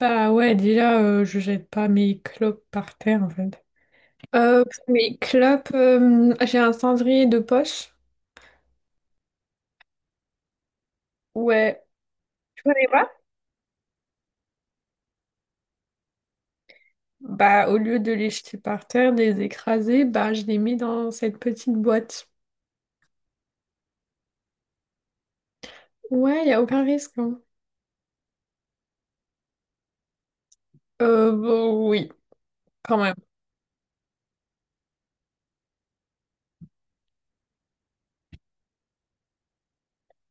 Bah ouais, déjà, je jette pas mes clopes par terre, en fait. Euh, mes clopes, j'ai un cendrier de poche. Ouais. Tu connais pas? Bah, au lieu de les jeter par terre, de les écraser, bah, je les mets dans cette petite boîte. Ouais, y a aucun risque, hein. Bon, oui, quand même.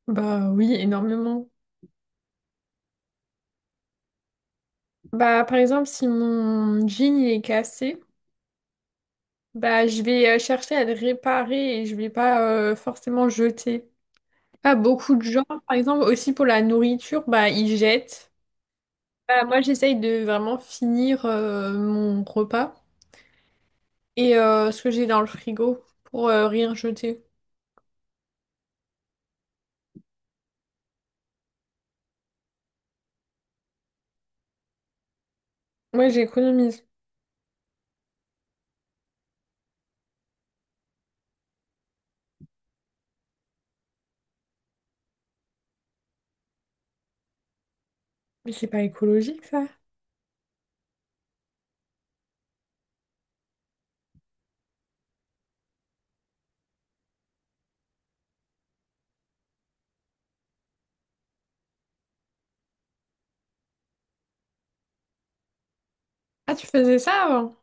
Bah oui, énormément. Bah, par exemple, si mon jean il est cassé, bah, je vais chercher à le réparer et je vais pas forcément jeter. Pas beaucoup de gens, par exemple, aussi pour la nourriture, bah, ils jettent. Bah, moi, j'essaye de vraiment finir mon repas et ce que j'ai dans le frigo pour rien jeter. Moi, j'économise. Mais c'est pas écologique, ça. Ah, tu faisais ça avant?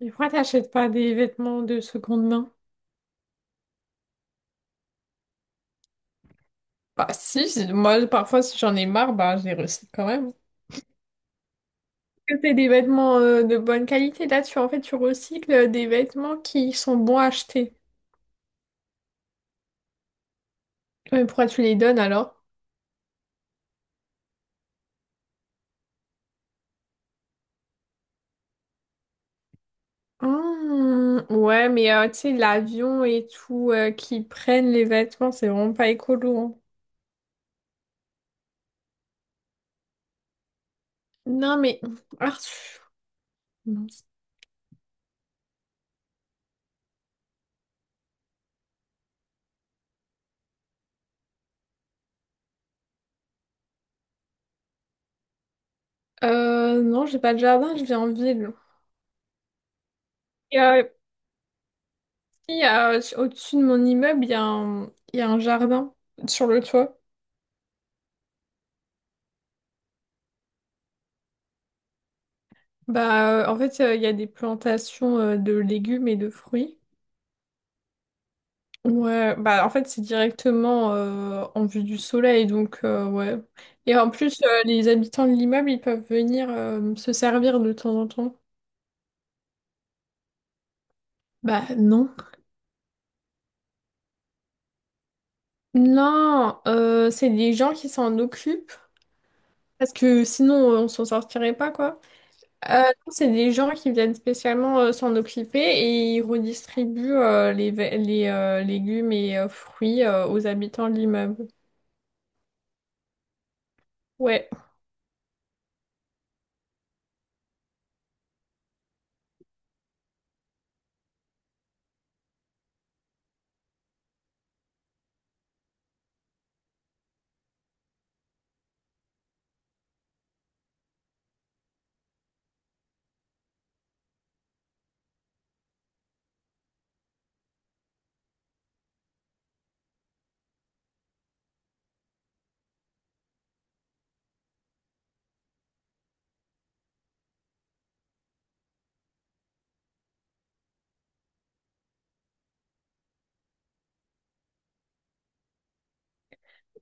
Et pourquoi t'achètes pas des vêtements de seconde main? Bah, si, si, moi, parfois, si j'en ai marre, bah, je les recycle quand même. Que t'es des vêtements de bonne qualité, là, tu, en fait, tu recycles des vêtements qui sont bons à acheter. Ouais, mais pourquoi tu les donnes alors? Mmh, ouais, mais tu sais, l'avion et tout, qui prennent les vêtements, c'est vraiment pas écolo, hein. Non, mais... Ah, pff, mince. Non, j'ai pas de jardin, je vis en ville. Et, il y a, au-dessus de mon immeuble, il y a un jardin sur le toit. Bah, en fait, il y a des plantations de légumes et de fruits. Ouais, bah en fait c'est directement en vue du soleil, donc ouais. Et en plus, les habitants de l'immeuble, ils peuvent venir se servir de temps en temps. Bah non. Non, c'est des gens qui s'en occupent, parce que sinon on s'en sortirait pas, quoi. Non, c'est des gens qui viennent spécialement s'en occuper et ils redistribuent les, ve- les légumes et fruits aux habitants de l'immeuble. Ouais.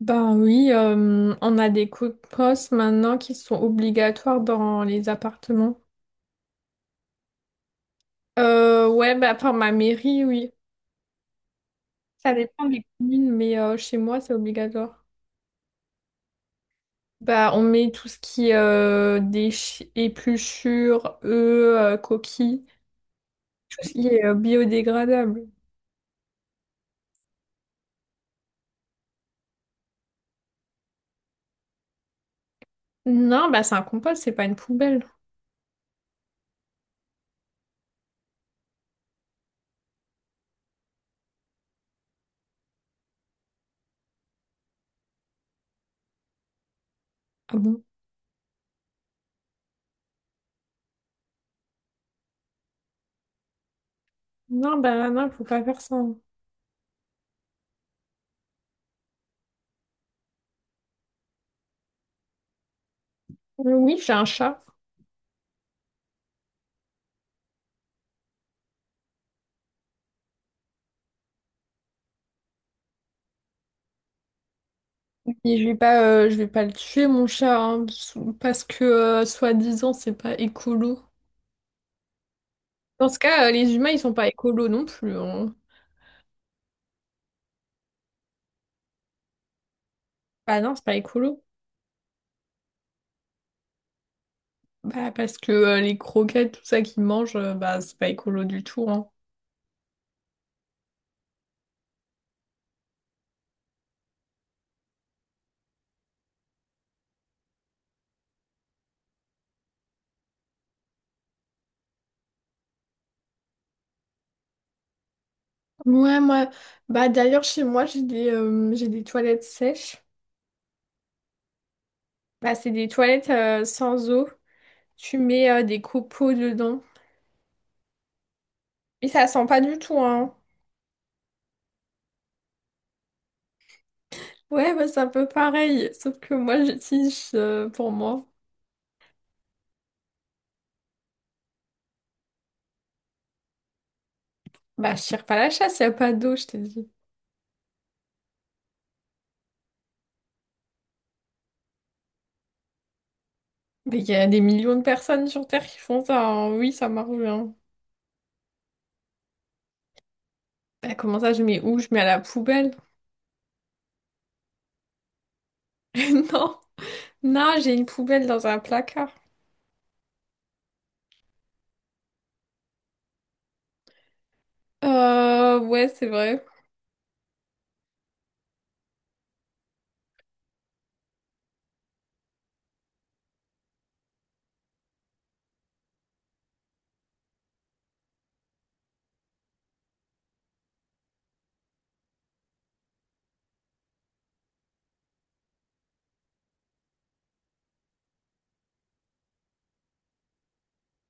Ben oui, on a des coups de poste maintenant qui sont obligatoires dans les appartements. Ouais, bah, par ma mairie, oui. Ça dépend des communes, mais chez moi, c'est obligatoire. Bah, on met tout ce qui est épluchures, œufs, coquilles, tout ce qui est biodégradable. Non, bah c'est un compost, c'est pas une poubelle. Ah bon? Non, bah non, faut pas faire ça. Oui, j'ai un chat. Et je vais pas le tuer, mon chat, hein, parce que, soi-disant, c'est pas écolo. Dans ce cas, les humains, ils sont pas écolos non plus, hein. Bah non, c'est pas écolo. Bah parce que les croquettes, tout ça qu'ils mangent, bah c'est pas écolo du tout, hein. Ouais, moi, bah d'ailleurs, chez moi, j'ai des toilettes sèches. Bah c'est des toilettes sans eau. Tu mets des copeaux dedans. Et ça sent pas du tout, hein. Ouais, bah c'est un peu pareil, sauf que moi, j'utilise pour moi. Bah, je tire pas la chasse, y a pas d'eau, je t'ai dit. Mais il y a des millions de personnes sur Terre qui font ça, hein. Oui, ça marche bien. Bah, comment ça, je mets où? Je mets à la poubelle. Non. Non, j'ai une poubelle dans un placard. Ouais, c'est vrai.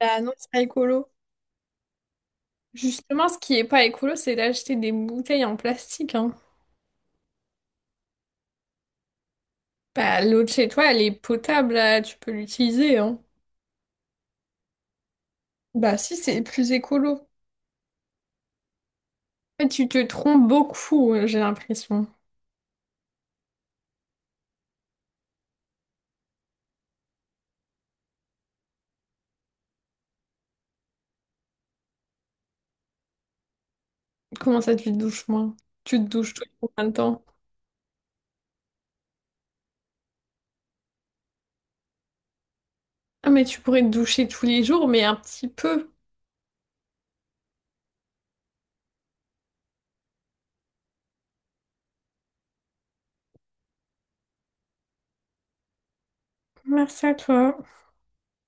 Bah non, c'est pas écolo. Justement, ce qui est pas écolo, c'est d'acheter des bouteilles en plastique, hein. Bah, l'eau de chez toi, elle est potable, là, tu peux l'utiliser, hein. Bah si, c'est plus écolo. Mais tu te trompes beaucoup, j'ai l'impression. Comment ça, tu te douches moins? Tu te douches tout le temps. Ah, mais tu pourrais te doucher tous les jours, mais un petit peu. Merci à toi.